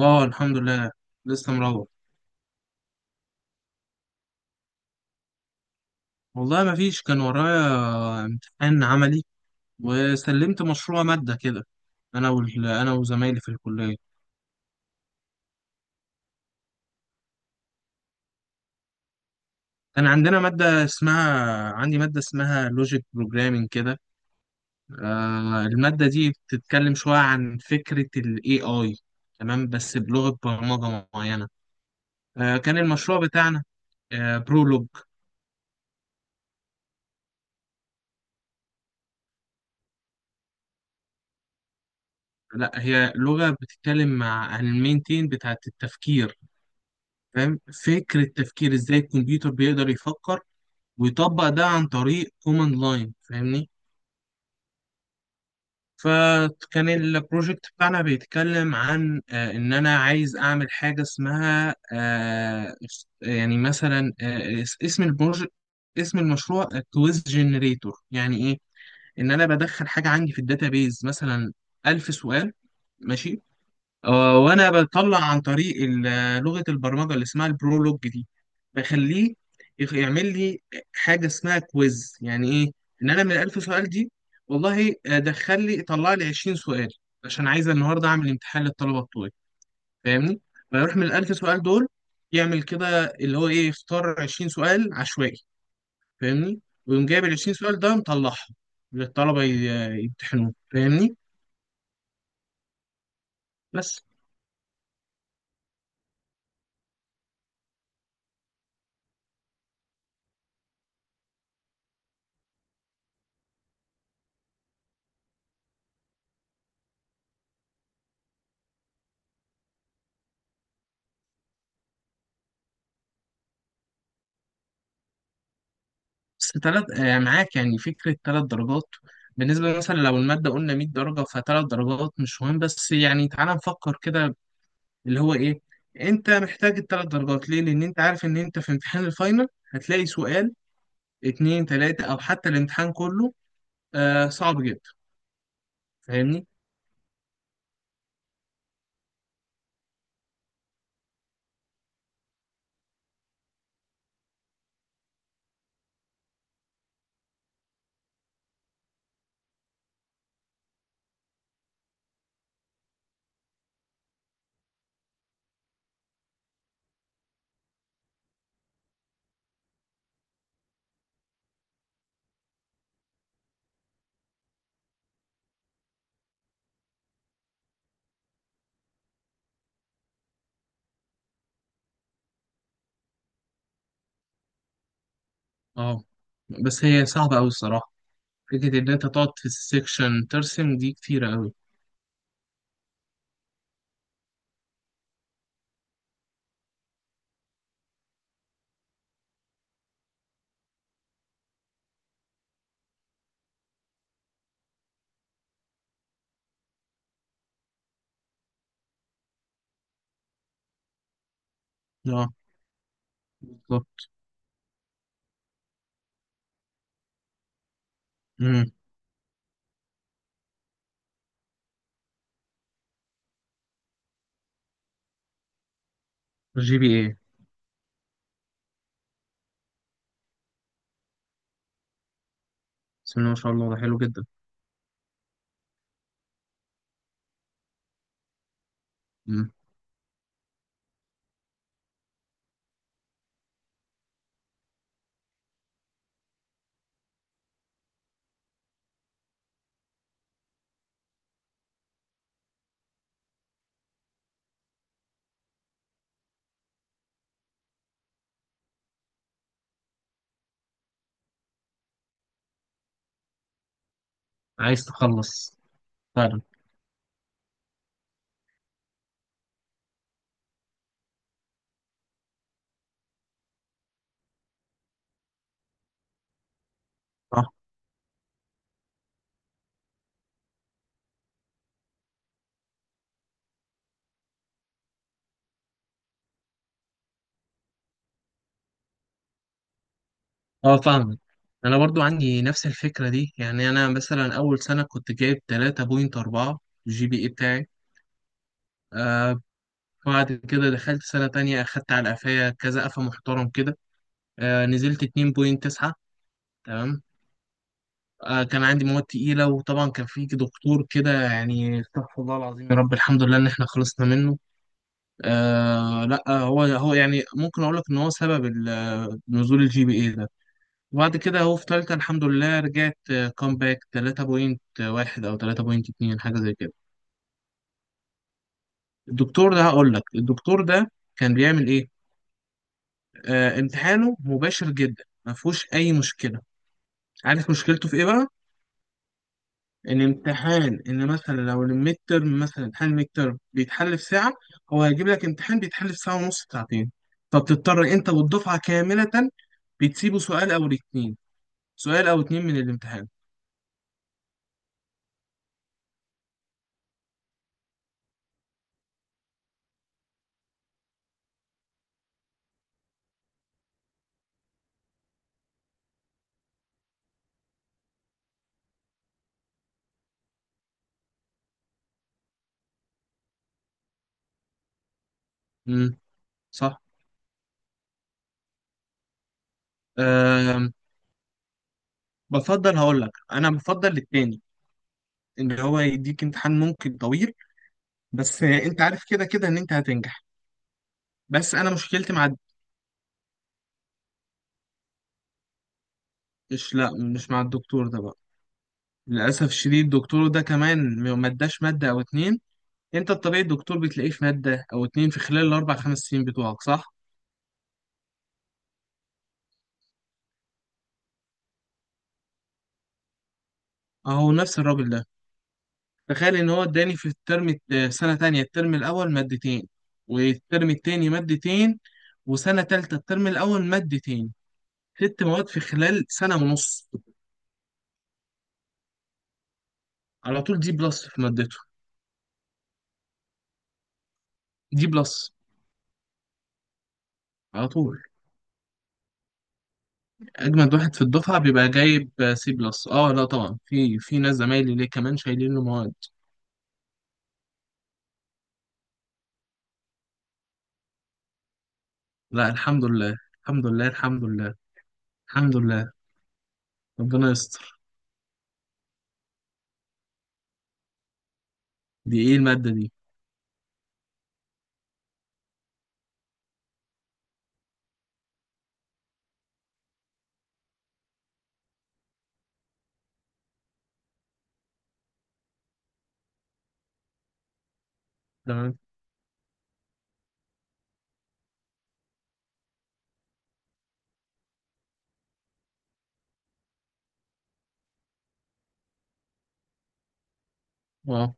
اه، الحمد لله. لسه مروح. والله ما فيش، كان ورايا امتحان عملي، وسلمت مشروع مادة كده انا وزمايلي في الكلية. كان عندنا مادة اسمها عندي مادة اسمها لوجيك بروجرامينج كده. المادة دي بتتكلم شوية عن فكرة ال AI، تمام، بس بلغة برمجة معينة. كان المشروع بتاعنا برولوج. لا، هي لغة بتتكلم عن المين تين بتاعة التفكير. فاهم فكرة تفكير، ازاي الكمبيوتر بيقدر يفكر ويطبق ده عن طريق كوماند لاين، فاهمني؟ فكان البروجكت بتاعنا بيتكلم عن، ان انا عايز اعمل حاجة اسمها، يعني مثلا اسم البروجكت، اسم المشروع كويز جنريتور، يعني ايه؟ ان انا بدخل حاجة عندي في الداتابيز، مثلا 1000 سؤال، ماشي. وانا بطلع عن طريق لغه البرمجه اللي اسمها البرولوج دي، بخليه يعمل لي حاجه اسمها كويز. يعني ايه؟ ان انا من 1000 سؤال دي، والله دخل لي طلع لي 20 سؤال، عشان عايز النهارده اعمل امتحان للطلبه بتوعي، فاهمني؟ فيروح من ال 1000 سؤال دول، يعمل كده اللي هو ايه، يختار 20 سؤال عشوائي، فاهمني؟ ويقوم جايب ال 20 سؤال ده، مطلعهم للطلبه يمتحنوه، فاهمني؟ بس بس تلات، معاك؟ يعني فكرة تلات درجات بالنسبة، مثلا لو المادة قلنا 100 درجة، فتلات درجات مش مهم. بس يعني تعالى نفكر كده، اللي هو إيه؟ أنت محتاج التلات درجات ليه؟ لأن أنت عارف إن أنت في امتحان الفاينل هتلاقي سؤال، اتنين، تلاتة، أو حتى الامتحان كله صعب جدا، فاهمني؟ أه، بس هي صعبة أوي الصراحة. فكرة إن أنت تقعد في السكشن ترسم دي كتيرة أوي. أه، بالظبط. جي بي إيه. بسم الله ما شاء الله، ده حلو جدا. مم. عايز تخلص، فعلا. اه، فاهمك. انا برضو عندي نفس الفكره دي، يعني انا مثلا اول سنه كنت جايب 3.4، الجي بي اي بتاعي. آه بعد كده دخلت سنه تانية، اخدت على قفايا كذا قفا محترم كده. نزلت 2.9، تمام. كان عندي مواد تقيله، وطبعا كان في دكتور كده يعني استغفر الله العظيم، يا رب الحمد لله ان احنا خلصنا منه. لا، هو يعني ممكن اقول لك ان هو سبب نزول الجي بي اي ده. وبعد كده هو في تالتة الحمد لله، رجعت كومباك 3.1 أو 3.2، حاجة زي كده. الدكتور ده هقول لك، الدكتور ده كان بيعمل إيه؟ امتحانه مباشر جدا، ما فيهوش أي مشكلة. عارف مشكلته في إيه بقى؟ إن مثلا لو الميد ترم، مثلا امتحان الميد ترم بيتحل في ساعة، هو هيجيب لك امتحان بيتحل في ساعة ونص، ساعتين. فبتضطر أنت والدفعة كاملة بتسيبه سؤال أو اتنين، سؤال أو اتنين من الامتحان. امم، صح. بفضل، هقول لك انا بفضل التاني، ان هو يديك امتحان ممكن طويل، بس انت عارف كده كده ان انت هتنجح. بس انا مشكلتي مع، مش، لا، مش مع الدكتور ده بقى. للاسف الشديد الدكتور ده كمان ما اداش ماده او اتنين. انت الطبيعي الدكتور بتلاقيه في ماده او اتنين في خلال الاربع خمس سنين بتوعك، صح؟ اهو نفس الراجل ده. تخيل ان هو اداني في الترم سنه تانية الترم الاول مادتين، والترم التاني مادتين، وسنه تالتة الترم الاول مادتين. ست مواد في خلال سنه ونص. على طول دي بلس في مادته. دي بلس، على طول. اجمد واحد في الدفعه بيبقى جايب سي بلس. اه، لا طبعا، في ناس زمايلي ليه كمان شايلين له مواد. لا، الحمد لله، الحمد لله، الحمد لله. الحمد لله. ربنا يستر. دي ايه الماده دي؟ تمام. اه،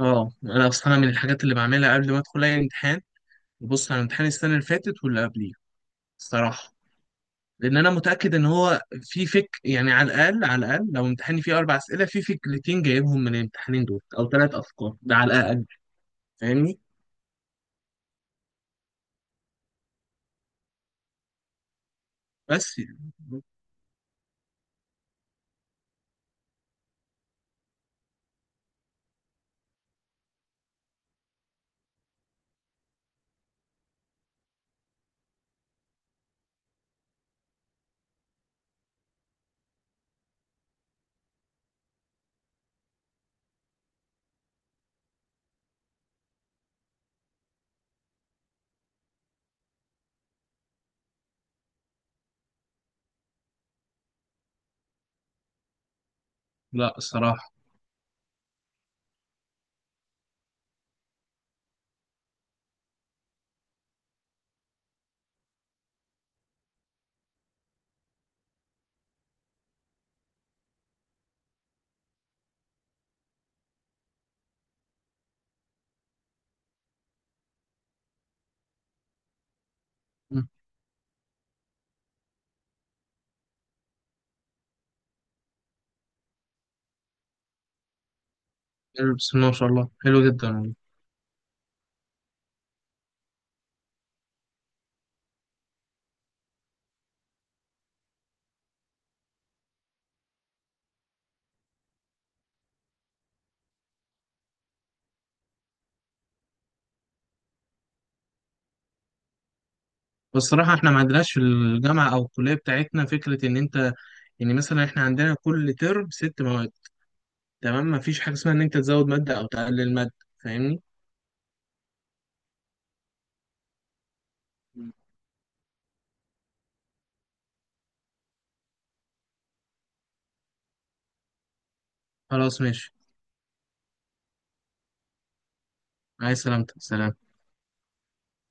اه، انا اصلا، أنا من الحاجات اللي بعملها قبل ما ادخل اي امتحان ببص على امتحان السنه اللي فاتت واللي قبليه، الصراحه. لان انا متاكد ان هو في فك، يعني على الاقل، على الاقل لو امتحاني فيه اربع اسئله في فكرتين جايبهم من الامتحانين دول او ثلاث افكار ده، على الاقل، فاهمني؟ بس يعني. لا، الصراحة. مم. بسم الله ما شاء الله، حلو جدا والله. بس الصراحة، احنا ما عندناش في الجامعة أو الكلية بتاعتنا فكرة إن أنت، يعني مثلا احنا عندنا كل ترم ست مواد، تمام. ما فيش حاجة اسمها إن أنت تزود مادة أو تقلل مادة، فاهمني. مم. خلاص ماشي. عايز سلامتك، سلام.